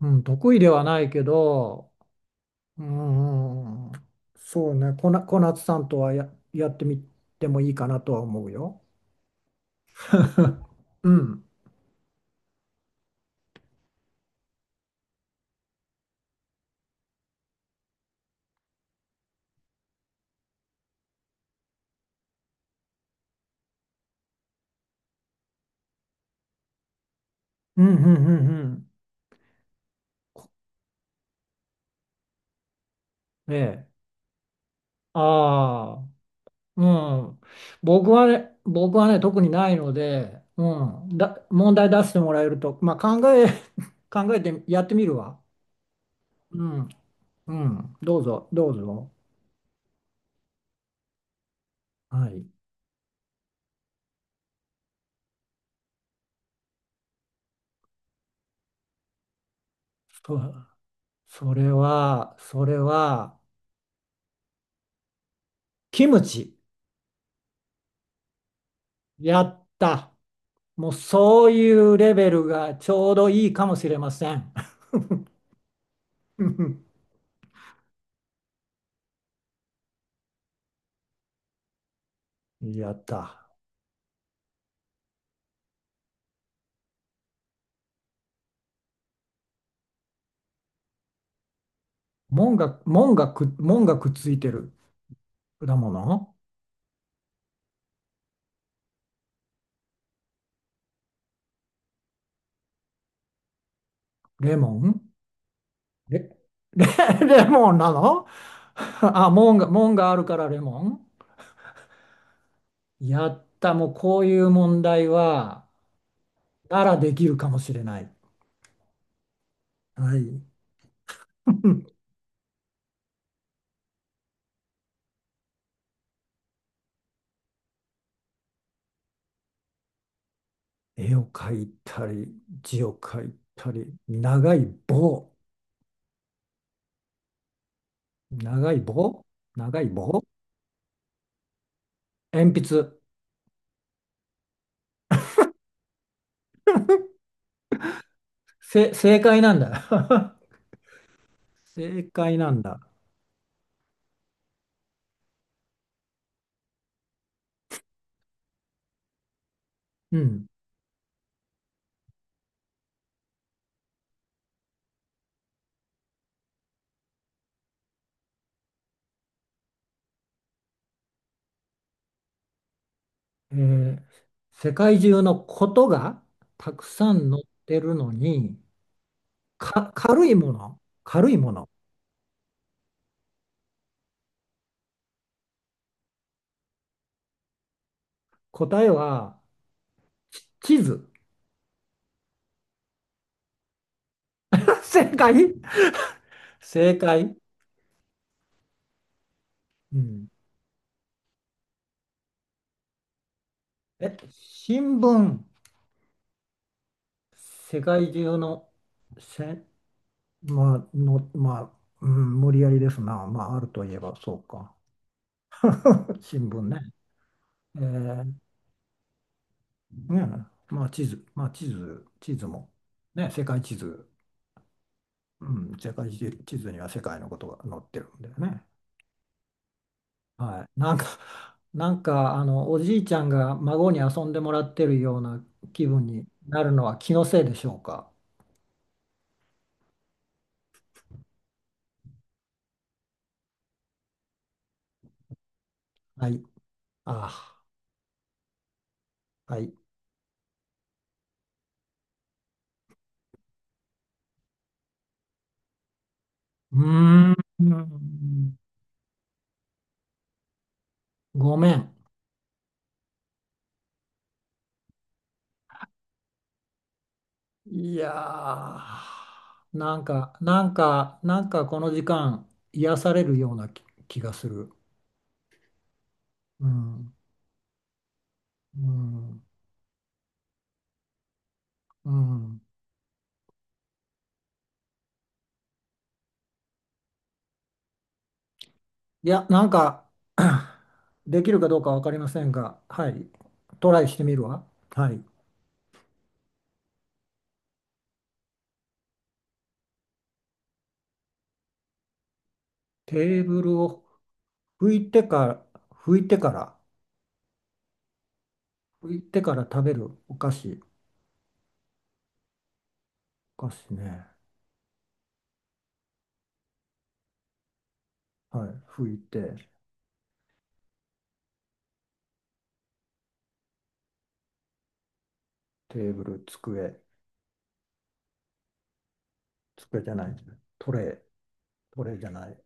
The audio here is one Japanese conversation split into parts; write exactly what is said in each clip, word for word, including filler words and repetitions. うん、得意ではないけど、うん、そうね、こな、小夏さんとはや、やってみてもいいかなとは思うよ。うん、うん、うん、うん、うん。ええ。ああ、うん。僕はね、僕はね、特にないので、うん、だ、問題出してもらえると、まあ、考え、考えてやってみるわ。うん、うん、どうぞ、どうぞ。はい。そ、それは、それは、キムチ。やった。もうそういうレベルがちょうどいいかもしれません。やった。門が、門がく、門がくっついてる果物。レモン。レ、レ、レモンなの？あ、門が、門があるからレモン。やった。もうこういう問題は、ならできるかもしれない。はい。絵を描いたり、字を描いたり、長い棒。長い棒。長い棒。鉛筆。せ、正解なんだ。正解なんだ。うん。えー世界中のことがたくさん載ってるのに、か、軽いもの、軽いもの。答えは、ち地図。正解、正解。うん。え、新聞、世界中の、せ、まあ、の、まあ、うん、無理やりですな。まあ、あるといえばそうか。新聞ね。えーねえ、まあ地図、まあ地図、地図も、ね、世界地図、うん、世界地地図には世界のことが載ってるんだよね。はい。なんか、なんか、あの、おじいちゃんが孫に遊んでもらってるような気分になるのは気のせいでしょうか。はい。ああ、はい。うーん、ごめん。いやー、なんか、なんか、なんかこの時間、癒されるような気、気がする。うん。うんうん。いや、なんか できるかどうかわかりませんが、はい。トライしてみるわ。はい。テーブルを拭いてから、拭いてから、拭いてから食べるお菓子。お菓子ね。はい。拭いて、テーブル、机、机じゃない、トレイ、トレイじゃない、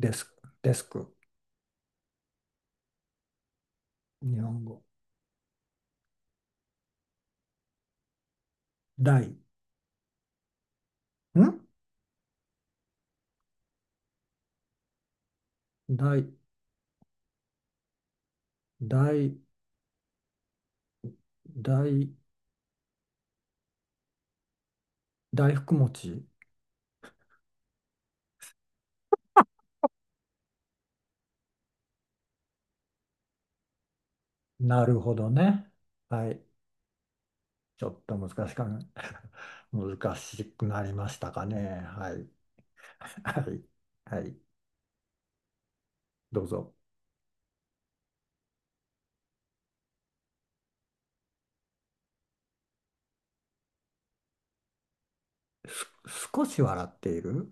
デスク、デスク。日本語。台。ん台、台、台、大福餅。なるほどね。はい。ちょっと難しかな。難しくなりましたかね。はい。はい。はい。どうぞ。す、少し笑っている。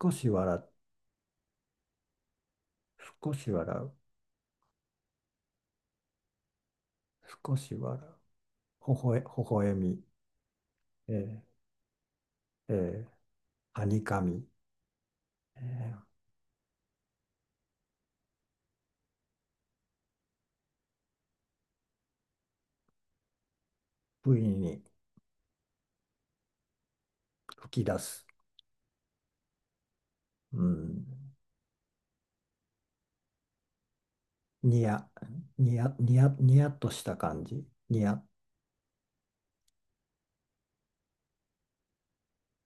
少し笑う。少し笑う。少し笑う。ほほえ、ほほえみ。えーえーはにかみ。えー不意に吹き出す。うん。にや、にや、にや、にやっとした感じ。にや、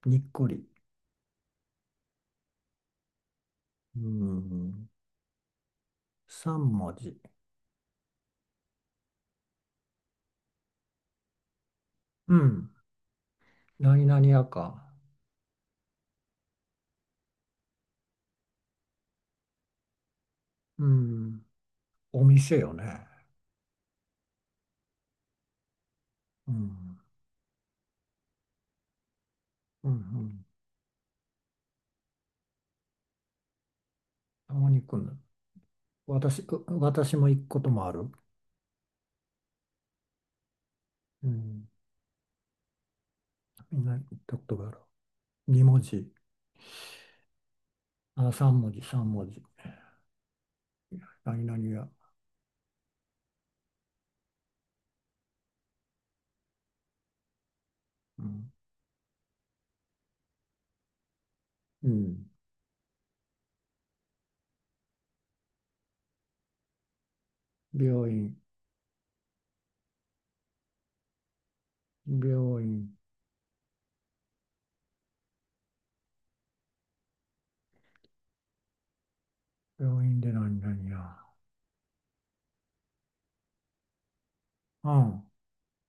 にっこり。うん。三文字。うん。何々やか。うん。お店よね。うん。うんうん。たまに行くんだ。私、う私も行くこともある。うん。みんな行ったことがある。に文字。あ、さん文字、さん文字。何々や。うん。うん。病院、病院、病院で何々や。うん。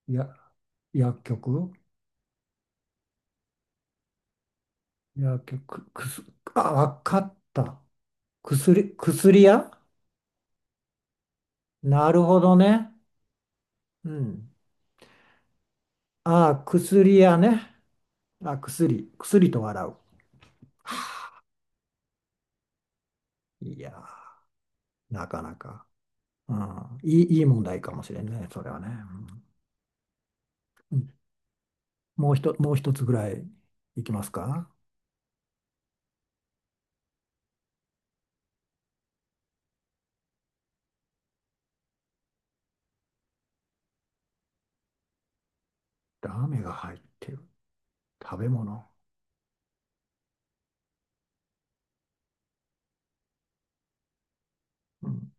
や、薬局薬局、くす、あ、わかった。薬、薬屋。なるほどね。うん。あ、薬屋ね。あ、薬、薬と笑う。いやー、なかなか。うん、いい、いい問題かもしれんね、それはね。うん、もう一、もう一つぐらいいきますか。ラーメンが入ってる。食べ物。うん、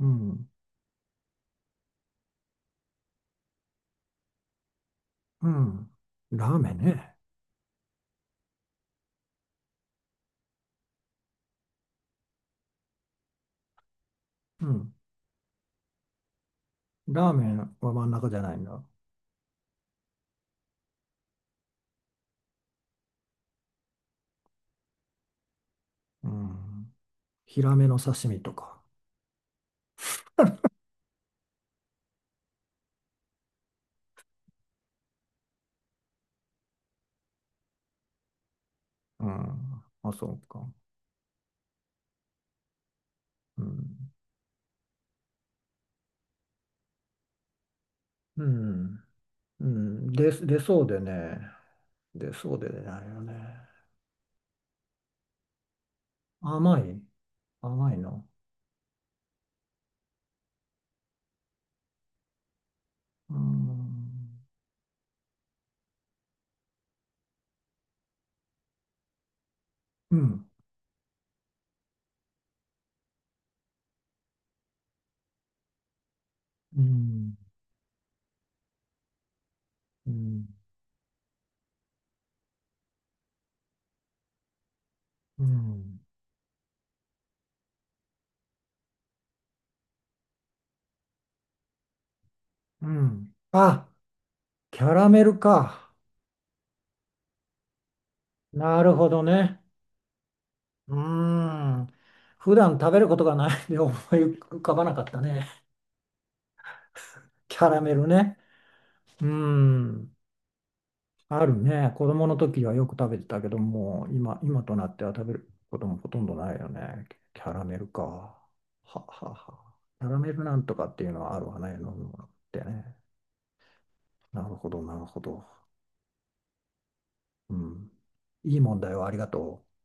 うん、うん。ラーメンね。うん。ラーメンは真ん中じゃないんだ。うん。ヒラメの刺身とか。うん。あ、そうか。うん。うん。うん。で、出そうでね。出そうでねあないよね。甘い。甘いの。うん。うん。うんうん。うん。うん。あ、キャラメルか。なるほどね。うん。普段食べることがないんで思い浮かばなかったね。キャラメルね。うん。あるね。子供の時はよく食べてたけども、今、今となっては食べることもほとんどないよね。キャラメルか。ははは。キャラメルなんとかっていうのはあるわね。飲むものってね。なるほど、なるほど。うん。いい問題をありがとう。